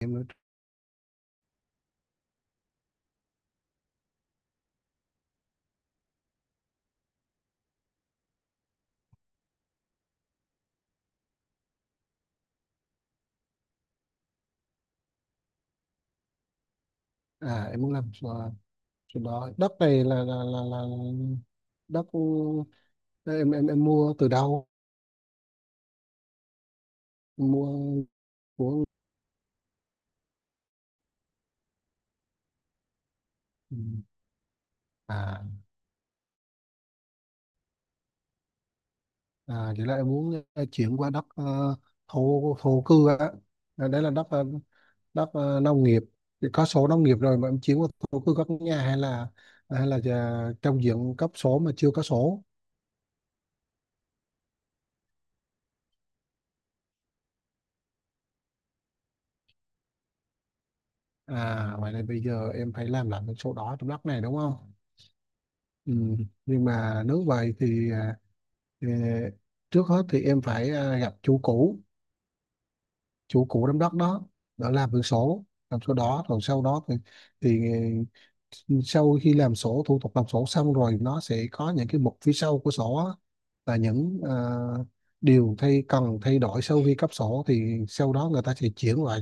Em nói. Em muốn làm, chỗ đó đất này là đất, ờ, em mua từ đâu? Em mua của. Ừ. à Vậy là em muốn, chuyển qua đất, thổ thổ cư á. À, đấy là đất, đất, nông nghiệp thì có sổ nông nghiệp rồi mà em chuyển qua thổ cư có nhà, hay là giờ trong diện cấp sổ mà chưa có sổ. Vậy là bây giờ em phải làm lại cái sổ đỏ trong đất này đúng không? Ừ. Nhưng mà nếu vậy thì, Ờ, trước hết thì em phải, gặp chủ cũ, chủ cũ đám đất đó đã làm được sổ, làm sổ đỏ rồi sau đó thì ờ, sau khi làm sổ, thủ tục làm sổ xong rồi nó sẽ có những cái mục phía sau của sổ á, là những, điều cần thay đổi sau khi cấp sổ, thì sau đó người ta sẽ chuyển lại,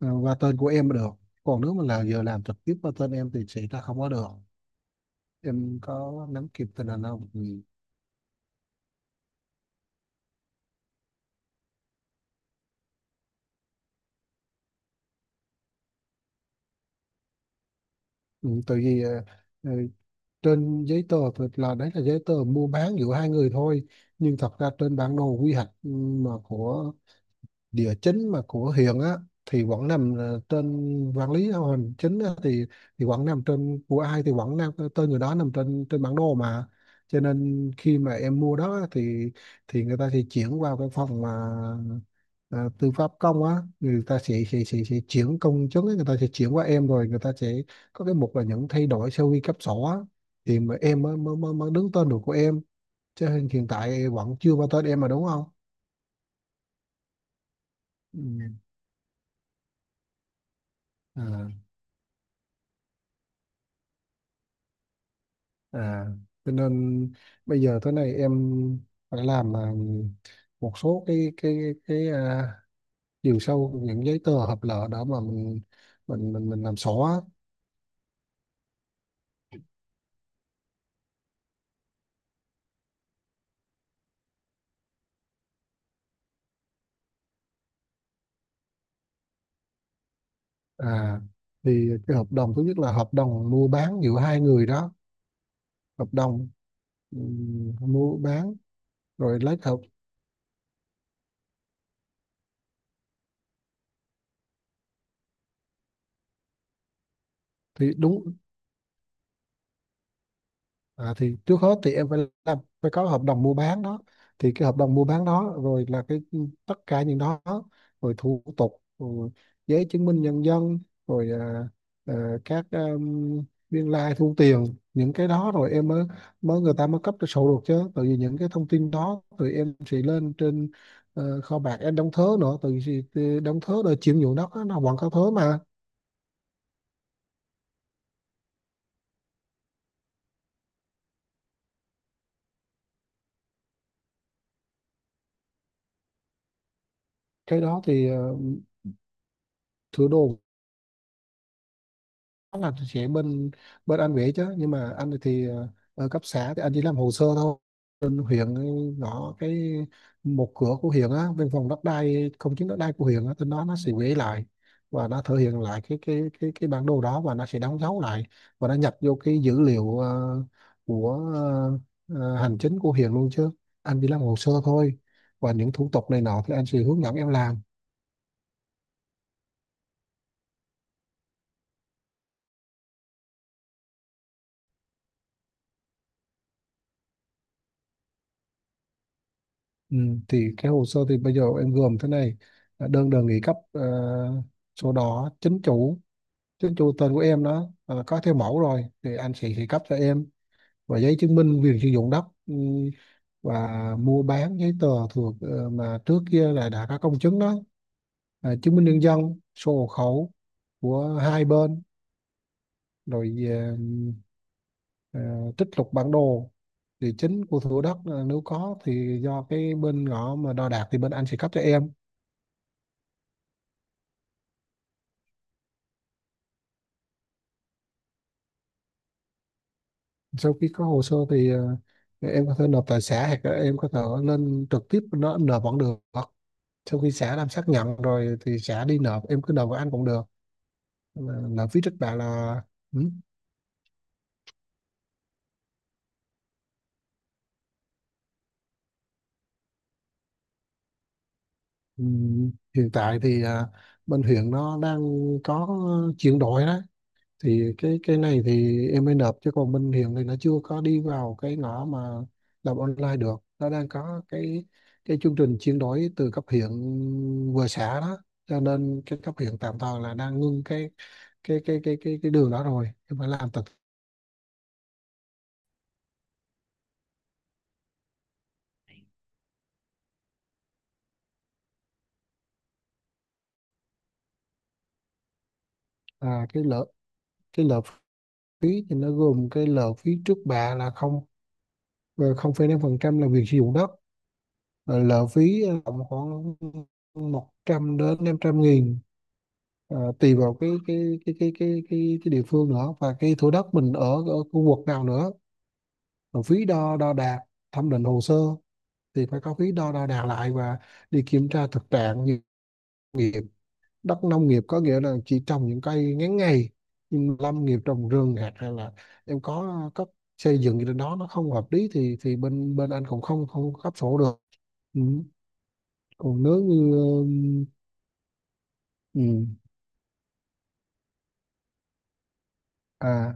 qua tên của em mới được. Còn nếu mà là giờ làm trực tiếp qua tên em thì sẽ ra không có được. Em có nắm kịp tình hình không? Ừ. Ừ, tại vì, ờ, trên giấy tờ thì là đấy là giấy tờ mua bán giữa hai người thôi, nhưng thật ra trên bản đồ quy hoạch, mà của địa chính mà của huyện á, thì vẫn nằm, trên quản lý hành chính á, thì vẫn nằm trên của ai thì vẫn nằm, tên người đó nằm trên trên bản đồ mà. Cho nên khi mà em mua đó á, thì người ta sẽ chuyển qua cái phòng mà, à, tư pháp công á, người ta sẽ chuyển công chứng á, người ta sẽ chuyển qua em rồi người ta sẽ có cái mục là những thay đổi sau khi cấp sổ á, thì mà em mới, mới, mới mới đứng tên được của em. Cho nên hiện tại vẫn chưa có tên em mà đúng không? Ừ. À. À, cho nên bây giờ thế này, em phải làm, một số cái à, chiều sâu những giấy tờ hợp lệ đó mà mình làm sổ á. À, thì cái hợp đồng thứ nhất là hợp đồng mua bán giữa hai người đó, hợp đồng, mua bán, rồi lấy hợp, thì đúng. À, thì trước hết thì em phải làm, phải có hợp đồng mua bán đó, thì cái hợp đồng mua bán đó rồi là cái tất cả những đó, rồi thủ tục, rồi giấy chứng minh nhân dân, rồi, à, à, các biên lai thu tiền, những cái đó rồi em mới mới người ta mới cấp cho sổ được, chứ tại vì những cái thông tin đó thì em sẽ lên trên, kho bạc em đóng thớ nữa, tại vì đóng thớ rồi chuyển nhượng đất á, nó vẫn có thớ mà. Cái đó thì, sửa đồ chắc là chị bên, bên anh vậy, chứ nhưng mà anh thì, ở cấp xã thì anh chỉ làm hồ sơ thôi, bên huyện ấy, ngõ cái một cửa của huyện á, bên phòng đất đai không, chứng đất đai của huyện á tên đó, nó sẽ gửi lại và nó thể hiện lại cái bản đồ đó, và nó sẽ đóng dấu lại và nó nhập vô cái dữ liệu, của ờ, hành chính của huyện luôn, chứ anh chỉ làm hồ sơ thôi và những thủ tục này nọ thì anh sẽ hướng dẫn em làm. Ừ, thì cái hồ sơ thì bây giờ em gồm thế này, là đơn đề nghị cấp, sổ đỏ chính chủ, chính chủ tên của em đó, có theo mẫu rồi thì anh sẽ cấp cho em, và giấy chứng minh quyền sử dụng đất, và mua bán giấy tờ thuộc, mà trước kia là đã có công chứng đó, à, chứng minh nhân dân, sổ hộ khẩu của hai bên, rồi, ờ, trích lục bản đồ địa chính của thửa đất, nếu có thì do cái bên ngõ mà đo đạc thì bên anh sẽ cấp cho em. Sau khi có hồ sơ thì, em có thể nộp tại xã hoặc là em có thể lên trực tiếp nó nộp vẫn được, sau khi xã làm xác nhận rồi thì xã đi nộp, em cứ nộp với anh cũng được. Ờ, nộp phí trước bạ là, ừ, ừ, hiện tại thì, bên huyện nó đang có chuyển đổi đó, thì cái này thì em mới nộp, chứ còn bên hiện thì nó chưa có đi vào cái ngõ mà làm online được, nó đang có cái chương trình chuyển đổi từ cấp huyện vừa xã đó, cho nên cái cấp huyện tạm thời là đang ngưng cái đường đó, rồi em phải làm thật. À, cái lợ phí thì nó gồm cái lợ phí trước bạ là không, 0,5% là việc sử dụng đất. Rồi lợ phí, tầm khoảng 100 đến 500 nghìn. Ờ, tùy vào cái địa phương nữa và cái thửa đất mình ở ở khu vực nào nữa, rồi phí đo đo đạc, thẩm định hồ sơ, thì phải có phí đo đo đạc lại và đi kiểm tra thực trạng, như nghiệp đất nông nghiệp có nghĩa là chỉ trồng những cây ngắn ngày, nhưng lâm nghiệp trồng rừng hạt, hay là em có cấp xây dựng gì trên đó nó không hợp lý thì bên bên anh cũng không không cấp sổ được. Ừ. Còn nếu như, ừ, à,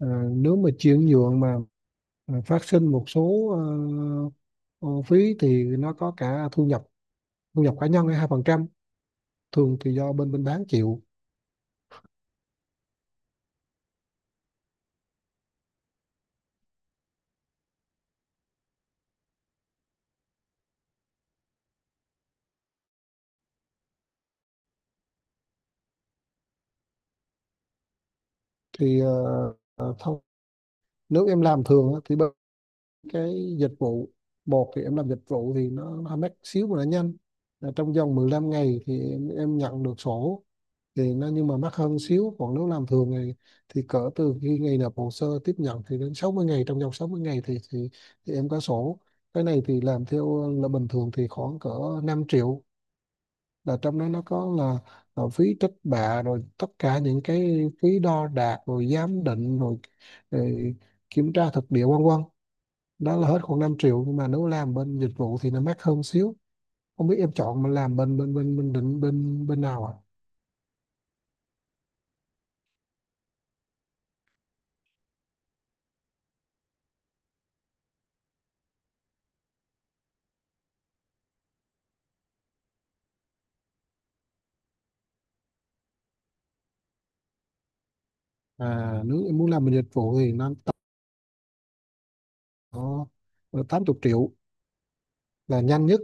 à nếu mà chuyển nhượng mà, phát sinh một số, ờ, phí thì nó có cả thu nhập, thu nhập cá nhân hay 2%, thường thì do bên bên bán chịu. Thì, thôi nếu em làm thường á, thì bên cái dịch vụ một, thì em làm dịch vụ thì nó mắc xíu mà nó nhanh. Là trong vòng 15 ngày thì em nhận được sổ, thì nó nhưng mà mắc hơn xíu, còn nếu làm thường thì cỡ từ khi ngày nộp hồ sơ tiếp nhận thì đến 60 ngày, trong vòng 60 ngày thì em có sổ. Cái này thì làm theo là bình thường thì khoảng cỡ 5 triệu, là trong đó nó có là phí trích bạ, rồi tất cả những cái phí đo đạc, rồi giám định rồi, rồi kiểm tra thực địa, vân vân, đó là hết khoảng 5 triệu, nhưng mà nếu làm bên dịch vụ thì nó mắc hơn xíu. Không biết em chọn mà làm bên bên bên bên định bên bên nào ạ à? À, nếu em muốn làm bên dịch vụ thì nó, Ồ, 80 triệu là nhanh nhất,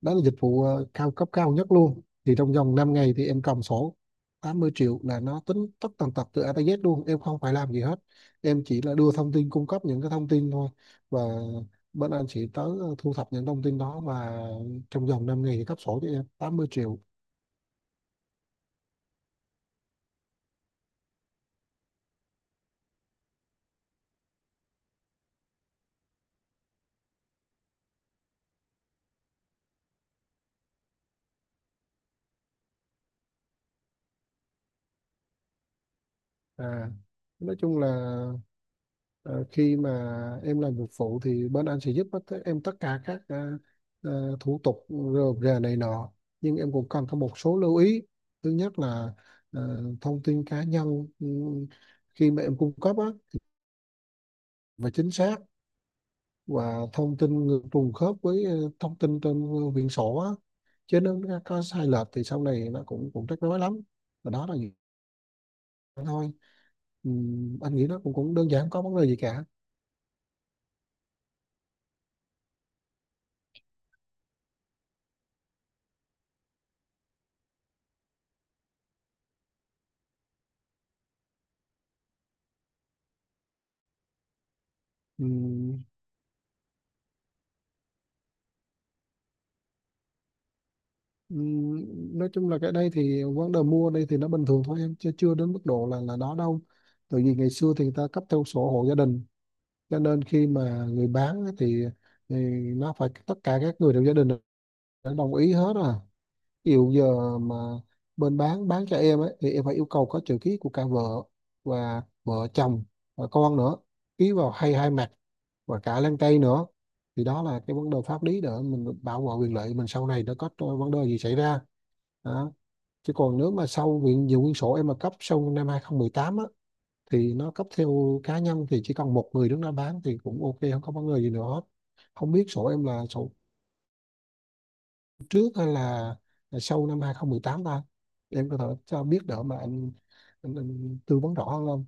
đó là dịch vụ, cao cấp cao nhất luôn, thì trong vòng 5 ngày thì em cầm sổ. 80 triệu là nó tính tất tần tật từ A tới Z luôn, em không phải làm gì hết, em chỉ là đưa thông tin, cung cấp những cái thông tin thôi, và bên anh sẽ tới, thu thập những thông tin đó, và trong vòng 5 ngày thì cấp sổ cho em. 80 triệu. à nói chung là, Ờ, khi mà em làm việc phụ thì bên anh sẽ giúp hết tất- em tất cả các, thủ tục rườm rà này nọ, nhưng em cũng cần có một số lưu ý. Thứ nhất là, thông tin cá nhân, khi mà em cung cấp á, và chính xác và thông tin ngược trùng khớp với, thông tin trên quyển sổ á. Chứ nếu nó có sai lệch thì sau này nó cũng cũng rắc rối lắm, và đó là gì thôi. Ừ, anh nghĩ nó cũng cũng đơn giản, không có vấn đề gì cả. Ừ. Ừm, nói chung là cái đây thì vấn đề mua đây thì nó bình thường thôi em, chứ chưa đến mức độ là đó đâu, tại vì ngày xưa thì người ta cấp theo sổ hộ gia đình, cho nên khi mà người bán á thì nó phải tất cả các người trong gia đình đã đồng ý hết à. Ví dụ giờ mà bên bán cho em ấy thì em phải yêu cầu có chữ ký của cả vợ và vợ chồng và con nữa, ký vào hai hai mặt và cả lan tay nữa, thì đó là cái vấn đề pháp lý để mình bảo vệ quyền lợi mình sau này nó có vấn đề gì xảy ra đó. Chứ còn nếu mà sau quyển nhiều quyển sổ em mà cấp sau năm 2018 á, thì nó cấp theo cá nhân thì chỉ cần một người đứng ra bán thì cũng ok, không có vấn đề gì nữa hết. Không biết sổ em là sổ trước hay là sau năm 2018 ta, em có thể cho biết đỡ mà anh tư vấn rõ hơn không?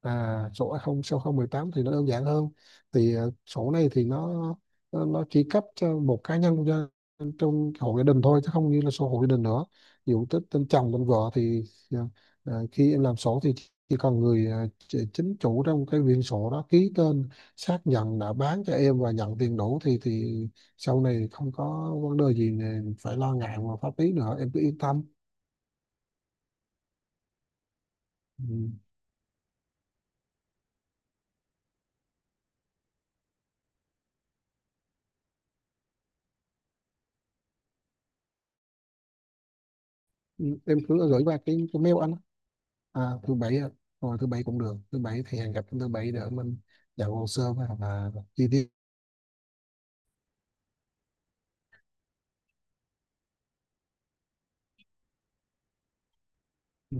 À, sổ A0 sau 018 thì nó đơn giản hơn. Thì, sổ này thì nó chỉ cấp cho một cá nhân cho, trong hộ gia đình thôi, chứ không như là sổ hộ gia đình nữa. Ví dụ tên chồng tên vợ thì, ờ, khi em làm sổ thì chỉ cần người, chính chủ trong cái quyển sổ đó ký tên xác nhận đã bán cho em và nhận tiền đủ thì sau này không có vấn đề gì này phải lo ngại về pháp lý nữa, em cứ yên tâm. Ừ. Em cứ gửi qua cái mail anh. À, thứ bảy ạ. Rồi thứ bảy cũng được, thứ bảy thì hẹn gặp thứ bảy để mình nhận hồ sơ và chi tiết. Ừ.